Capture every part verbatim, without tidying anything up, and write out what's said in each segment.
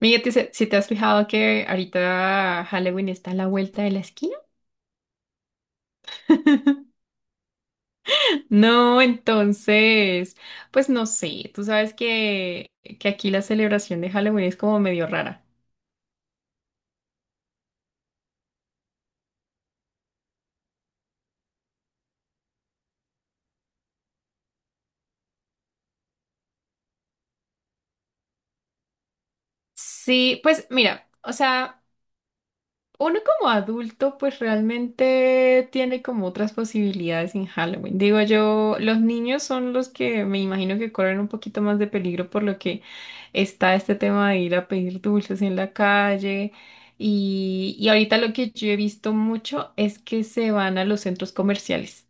Miguel, ¿te- si te has fijado que ahorita Halloween está a la vuelta de la esquina? No, entonces, pues no sé, tú sabes que, que aquí la celebración de Halloween es como medio rara. Sí, pues mira, o sea... Uno como adulto pues realmente tiene como otras posibilidades en Halloween. Digo yo, los niños son los que me imagino que corren un poquito más de peligro por lo que está este tema de ir a pedir dulces en la calle. Y, y ahorita lo que yo he visto mucho es que se van a los centros comerciales.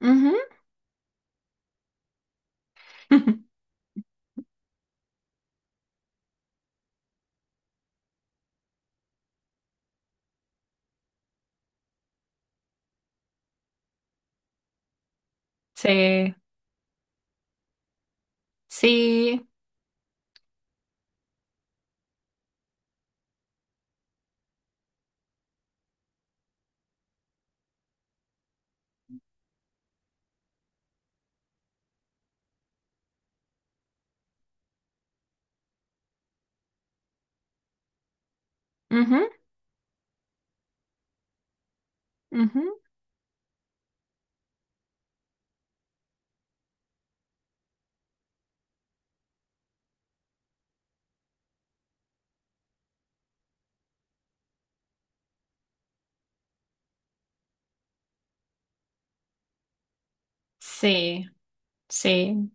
Ujú. Sí, sí, ujú, ujú. Sí, sí.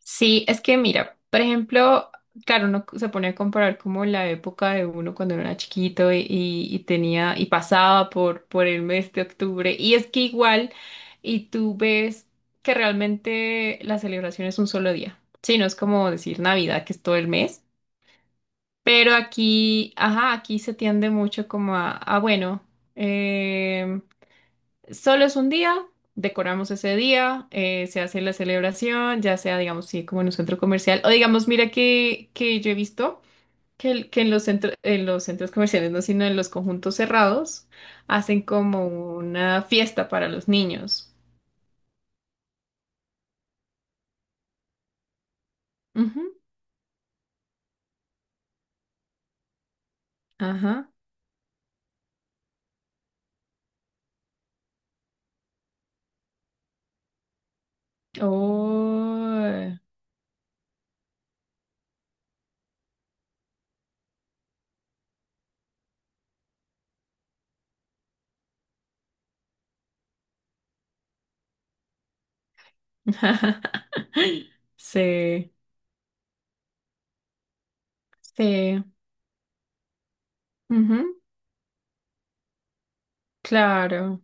Sí, es que mira, por ejemplo, claro, uno se pone a comparar como la época de uno cuando era chiquito y, y- y tenía y pasaba por, por el mes de octubre. Y es que igual, y tú ves que realmente la celebración es un solo día. Sí, no es como decir Navidad, que es todo el mes. Pero aquí, ajá, aquí se tiende mucho como a, a bueno. em, Solo es un día, decoramos ese día, eh, se hace la celebración, ya sea, digamos, sí, como en un centro comercial, o digamos, mira que, que yo he visto que, el- que en los centros, en los centros comerciales, no, sino en los conjuntos cerrados, hacen como una fiesta para los niños. Ujú, ajá. Oh. Sí, sí, ujú, claro.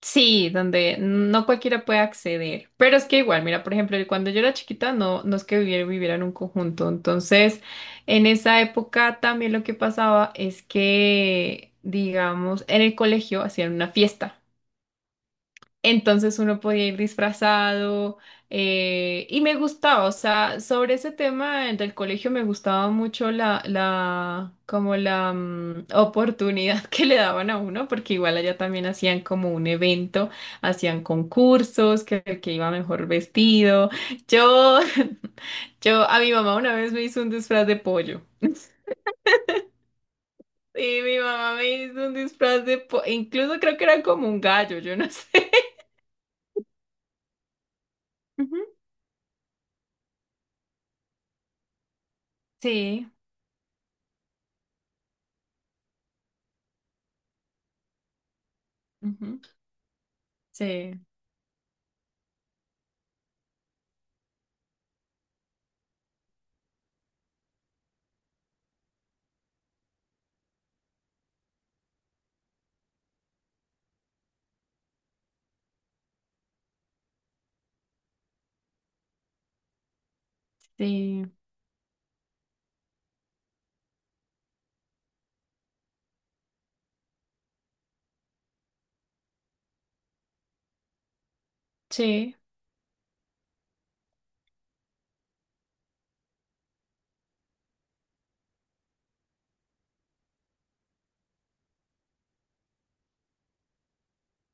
Sí, donde no cualquiera puede acceder. Pero es que igual, mira, por ejemplo, cuando yo era chiquita, no, no es que viviera, viviera en un conjunto. Entonces, en esa época también lo que pasaba es que, digamos, en el colegio hacían una fiesta. Entonces uno podía ir disfrazado eh, y me gustaba, o sea, sobre ese tema del colegio me gustaba mucho la, la, como la mm, oportunidad que le daban a uno, porque igual allá también hacían como un evento, hacían concursos, que el que iba mejor vestido. Yo, yo, a mi mamá una vez me hizo un disfraz de pollo. Sí, mi mamá me hizo un disfraz de pollo, incluso creo que era como un gallo, yo no sé. Ujú. Sí. Ujú. Sí, sí, sí.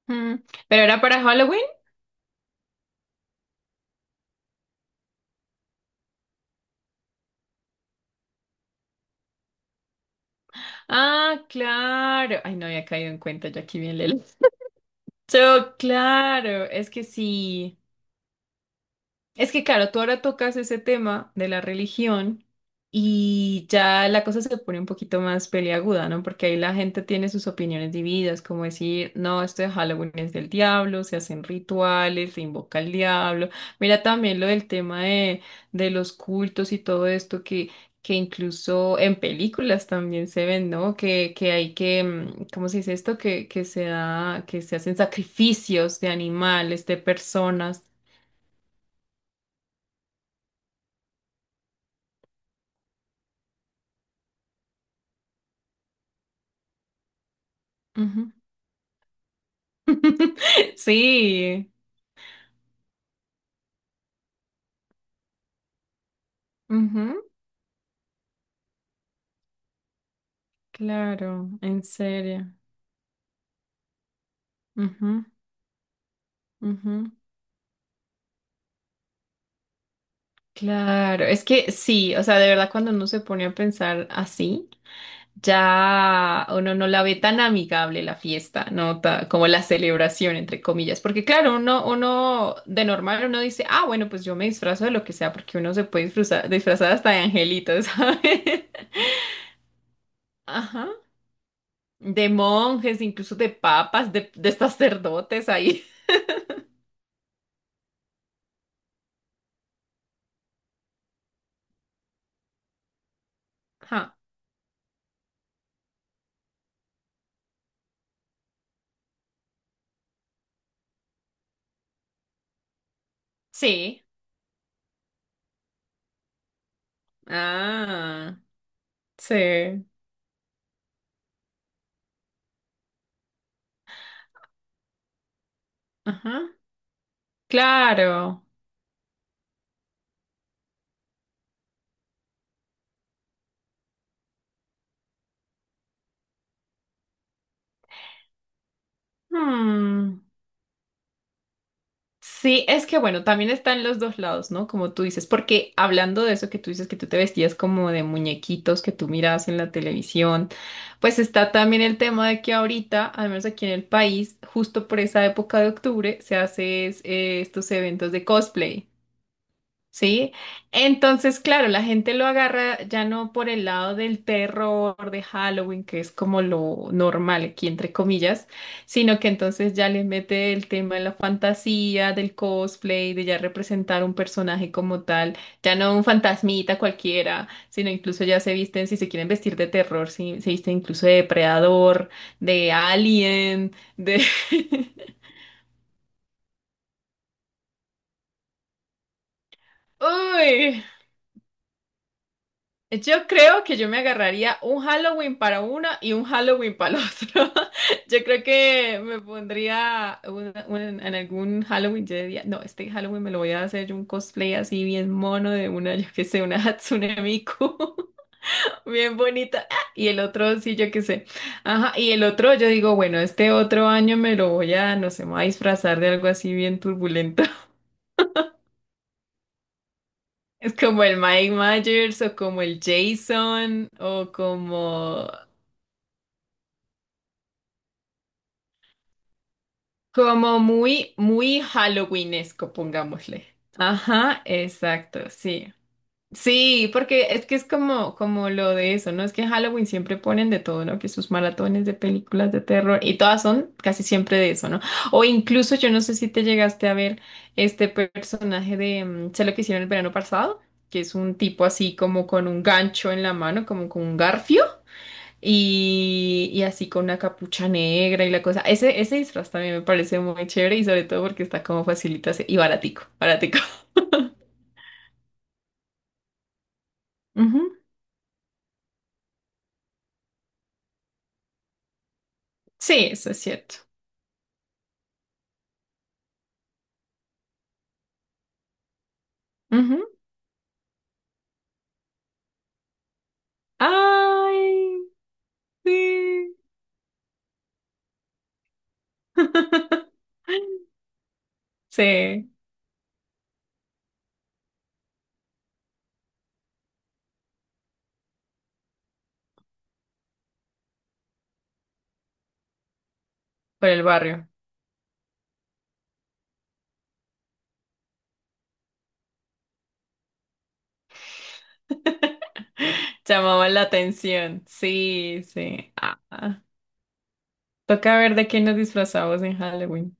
Mm. ¿Pero era para Halloween? Ah, claro. Ay, no había caído en cuenta, yo aquí bien lelo. So, claro, es que sí. Es que claro, tú ahora tocas ese tema de la religión y ya la cosa se pone un poquito más peliaguda, ¿no? Porque ahí la gente tiene sus opiniones divididas, como decir, no, esto de Halloween es del diablo, se hacen rituales, se invoca al diablo. Mira también lo del tema de, de los cultos y todo esto que, que incluso en películas también se ven, ¿no? Que, que hay que, mm, ¿cómo se dice esto? Que, que se da, que se hacen sacrificios de animales, de personas. Ujú. Sí, ujú, claro, en serio. Ujú, ujú, claro, es que sí, o sea, de verdad cuando uno se pone a pensar así, ya uno no la ve tan amigable la fiesta, ¿no? Ta- como la celebración, entre comillas, porque claro, uno, uno de normal uno dice, ah, bueno, pues yo me disfrazo de lo que sea, porque uno se puede disfrazar, disfrazar hasta de angelitos, ¿sabes? Ajá, de monjes, incluso de papas, de, de sacerdotes ahí. Sí. Ah, sí. Ajá. Claro. Hmm. Sí, es que bueno, también están los dos lados, ¿no? Como tú dices, porque hablando de eso que tú dices que tú te vestías como de muñequitos que tú mirabas en la televisión, pues está también el tema de que ahorita, al menos aquí en el país, justo por esa época de octubre, se hacen estos eventos de cosplay. ¿Sí? Entonces, claro, la gente lo agarra ya no por el lado del terror de Halloween, que es como lo normal aquí, entre comillas, sino que entonces ya le mete el tema de la fantasía, del cosplay, de ya representar un personaje como tal, ya no un fantasmita cualquiera, sino incluso ya se visten, si se quieren vestir de terror, si- se visten incluso de depredador, de alien, de... Uy, yo creo que yo me agarraría un Halloween para una y un Halloween para el otro. Yo creo que me pondría un- un- en algún Halloween, yo diría, no, este Halloween me lo voy a hacer yo un cosplay así bien mono de una, yo qué sé, una Hatsune Miku, bien bonita. Ah, y el otro, sí, yo qué sé. Ajá, y el otro, yo digo, bueno, este otro año me lo voy a, no sé, me voy a disfrazar de algo así bien turbulento. Es como el Mike Myers o como el Jason o como... Como muy, muy Halloweenesco, pongámosle. Ajá, exacto, sí. Sí, porque es que es como, como lo de eso, ¿no? Es que en Halloween siempre ponen de todo, ¿no? Que sus maratones de películas de terror y todas son casi siempre de eso, ¿no? O incluso yo no sé si te llegaste a ver este personaje de, mm, sé lo que hicieron el verano pasado, que es un tipo así como con un gancho en la mano, como con un garfio. Y, y así con una capucha negra y la cosa. Ese, ese disfraz también me parece muy chévere y sobre todo porque está como facilito hacer- y baratico, baratico. Ujú. Sí, eso es cierto. Ujú. Ay, sí. Sí, por el barrio. Llamaba la atención. Sí, sí. Ah, toca ver de qué nos disfrazamos en Halloween.